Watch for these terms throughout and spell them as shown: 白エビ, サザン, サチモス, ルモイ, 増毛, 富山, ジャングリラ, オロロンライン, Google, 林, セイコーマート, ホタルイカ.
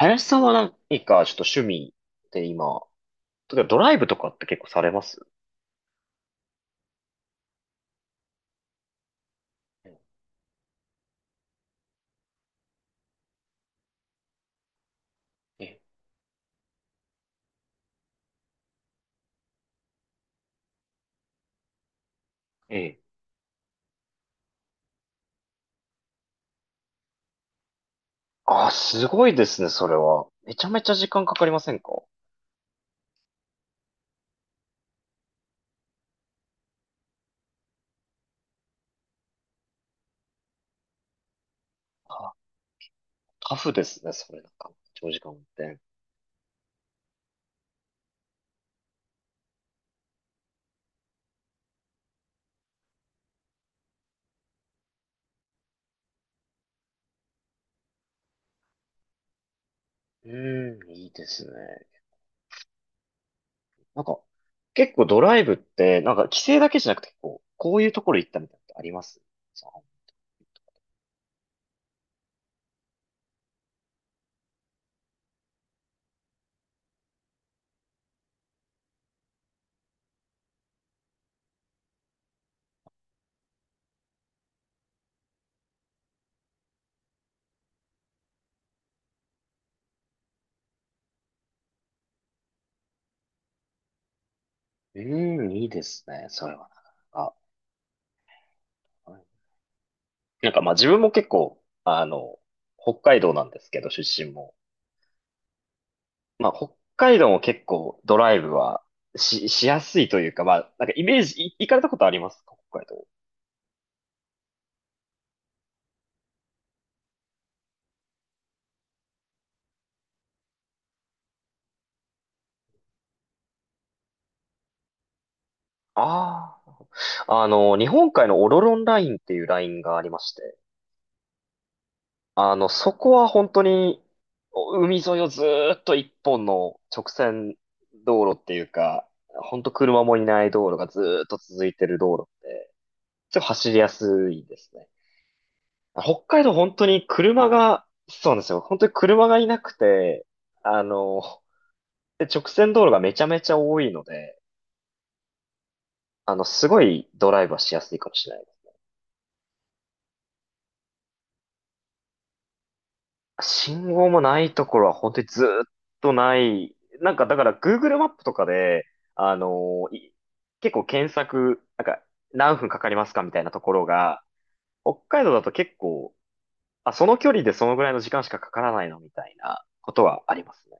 林さんは何かちょっと趣味で今、例えばドライブとかって結構されますええ、ええ。ああ、すごいですね、それは。めちゃめちゃ時間かかりませんか？あ、タフですね、それ。長時間運転。うーん、いいですね。なんか、結構ドライブって、なんか規制だけじゃなくて、こう、こういうところ行ったみたいなのってあります？そううーん、いいですね、それはなかなか。うん、なんかまあ自分も結構、北海道なんですけど、出身も。まあ、北海道も結構ドライブはしやすいというか、まあ、なんかイメージ、い行かれたことありますか北海道。ああ。日本海のオロロンラインっていうラインがありまして、そこは本当に、お海沿いをずーっと一本の直線道路っていうか、本当車もいない道路がずーっと続いてる道路で、ちょっと走りやすいですね。北海道本当に車が、そうなんですよ。本当に車がいなくて、あの、で、直線道路がめちゃめちゃ多いので、すごいドライブはしやすいかもしれない。信号もないところは本当にずーっとない。なんか、だから Google マップとかで、あのーい結構検索、なんか、何分かかりますかみたいなところが、北海道だと結構、あ、その距離でそのぐらいの時間しかかからないのみたいなことはありますね。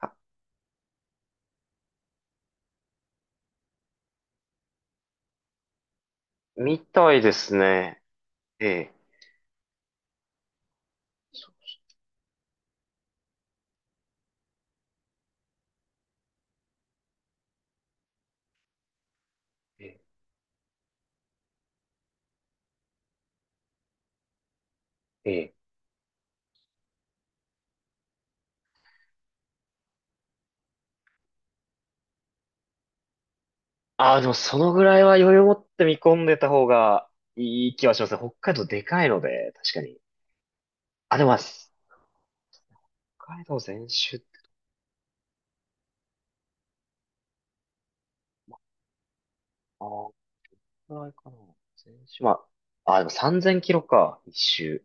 あみたいですね。ええ。ええ、ええ、ああ、でもそのぐらいは余裕を持って見込んでた方がいい気はしますね。北海道でかいので、確かに。あ、でもまあ、北海道全周って、ああ、このぐらいかな。全周。まあ、あ、でも3000キロか、一周。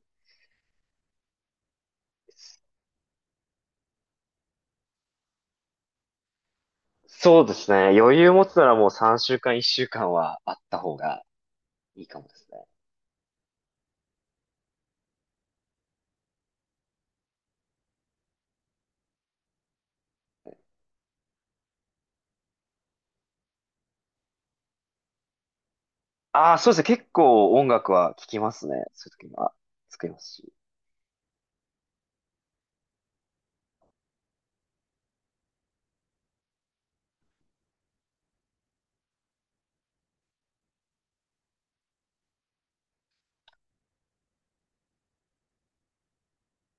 そうですね。余裕持つならもう3週間、1週間はあった方がいいかもですね。ああ、そうですね。結構音楽は聴きますね。そういう時は作りますし。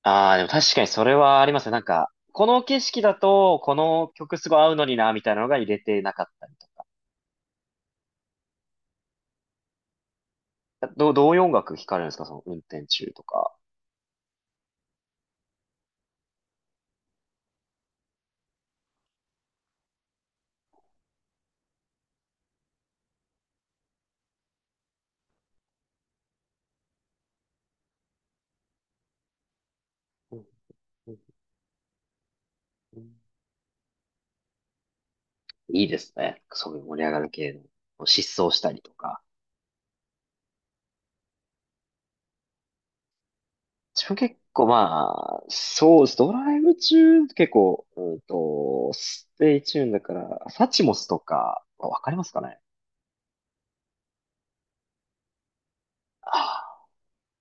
ああ、でも確かにそれはありますね。なんか、この景色だと、この曲すごい合うのにな、みたいなのが入れてなかったりとか。どういう音楽聴かれるんですかその運転中とか。うん、うん、うん、いいですね。そういう盛り上がる系の、疾走したりとか。自分結構まあ、そうです。ドライブ中、結構、ステイチューンだから、サチモスとか、わかりますかね？あ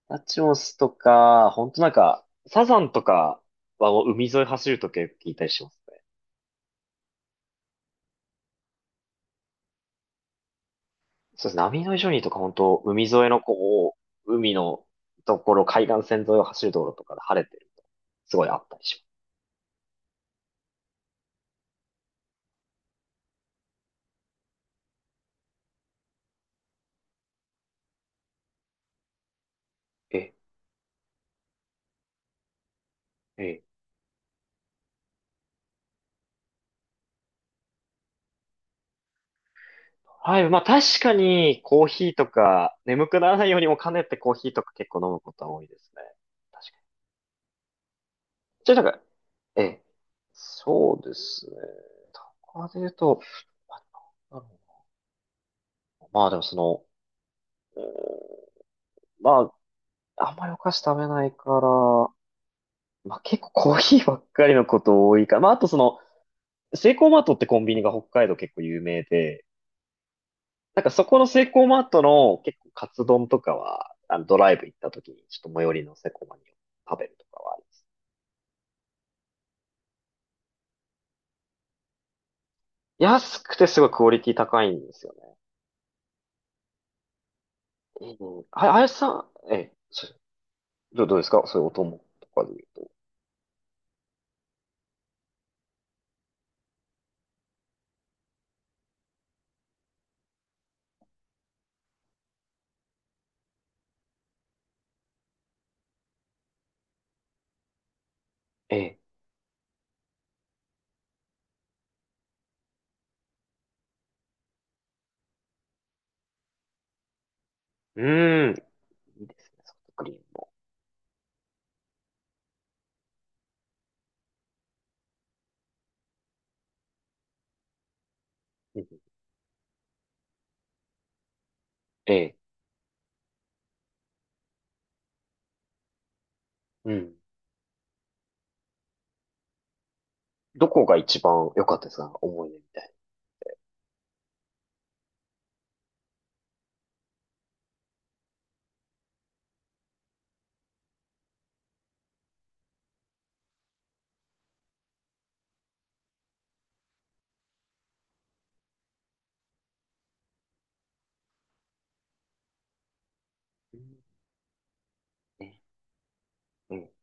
ラチモスとか、ほんとなんか、サザンとかはもう海沿い走るときよく聞いたりしますね。そうですね。波の異常にとか本当海沿いの海のところ、海岸線沿いを走る道路とかで晴れてると、すごいあったりします。え、え。はい。まあ確かにコーヒーとか、眠くならないようにも兼ねてコーヒーとか結構飲むことは多いですね。確かに。じゃあなんか、ええ。そうですね。とかで言うと、まあなんだろでもその、まあ、あんまりお菓子食べないから、まあ、結構コーヒーばっかりのこと多いから、まあ、あとその、セイコーマートってコンビニが北海道結構有名で、なんかそこのセイコーマートの結構カツ丼とかは、あのドライブ行った時にちょっと最寄りのセイコーマーに食べるとかはあり安くてすごいクオリティ高いんですよね。うん。あ、あやしさん、え、そどうですかそういうお供とかで言うと。え、うーん、いいですね、ソフトクリームも。うん、え、うん。どこが一番良かったですか思い出みたいな。うん。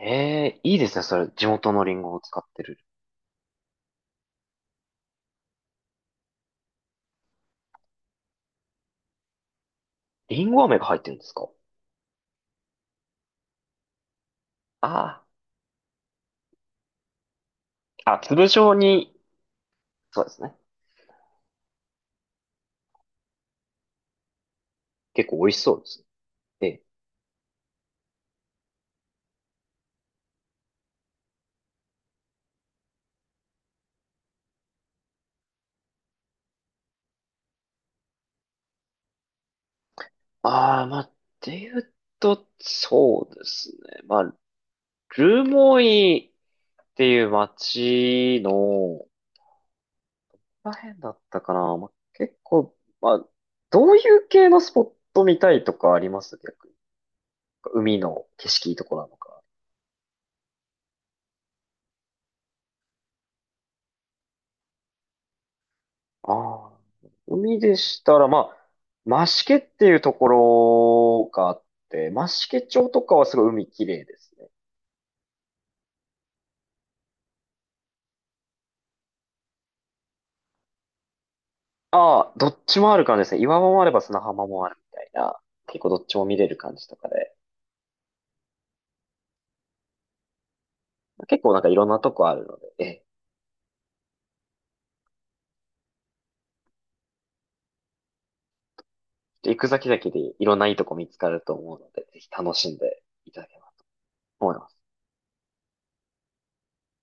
ええいいですね。それ、地元のリンゴを使ってる。リンゴ飴が入ってるんですか？ああ。あ、粒状に、そうですね。結構美味しそうですね。ええ。ああ、まあ、っていうと、そうですね。まあ、ルモイっていう町の、ここら辺だったかな。まあ、結構、まあ、どういう系のスポット見たいとかあります逆に？海の景色いいとこなのか。ああ、海でしたら、まあ、増毛っていうところがあって、増毛町とかはすごい海綺麗ですね。ああ、どっちもある感じですね。岩場もあれば砂浜もあるみたいな。結構どっちも見れる感じとかで。結構なんかいろんなとこあるので、ええ、行く先々でいろんないいとこ見つかると思うので、ぜひ楽しんでいただければと思います。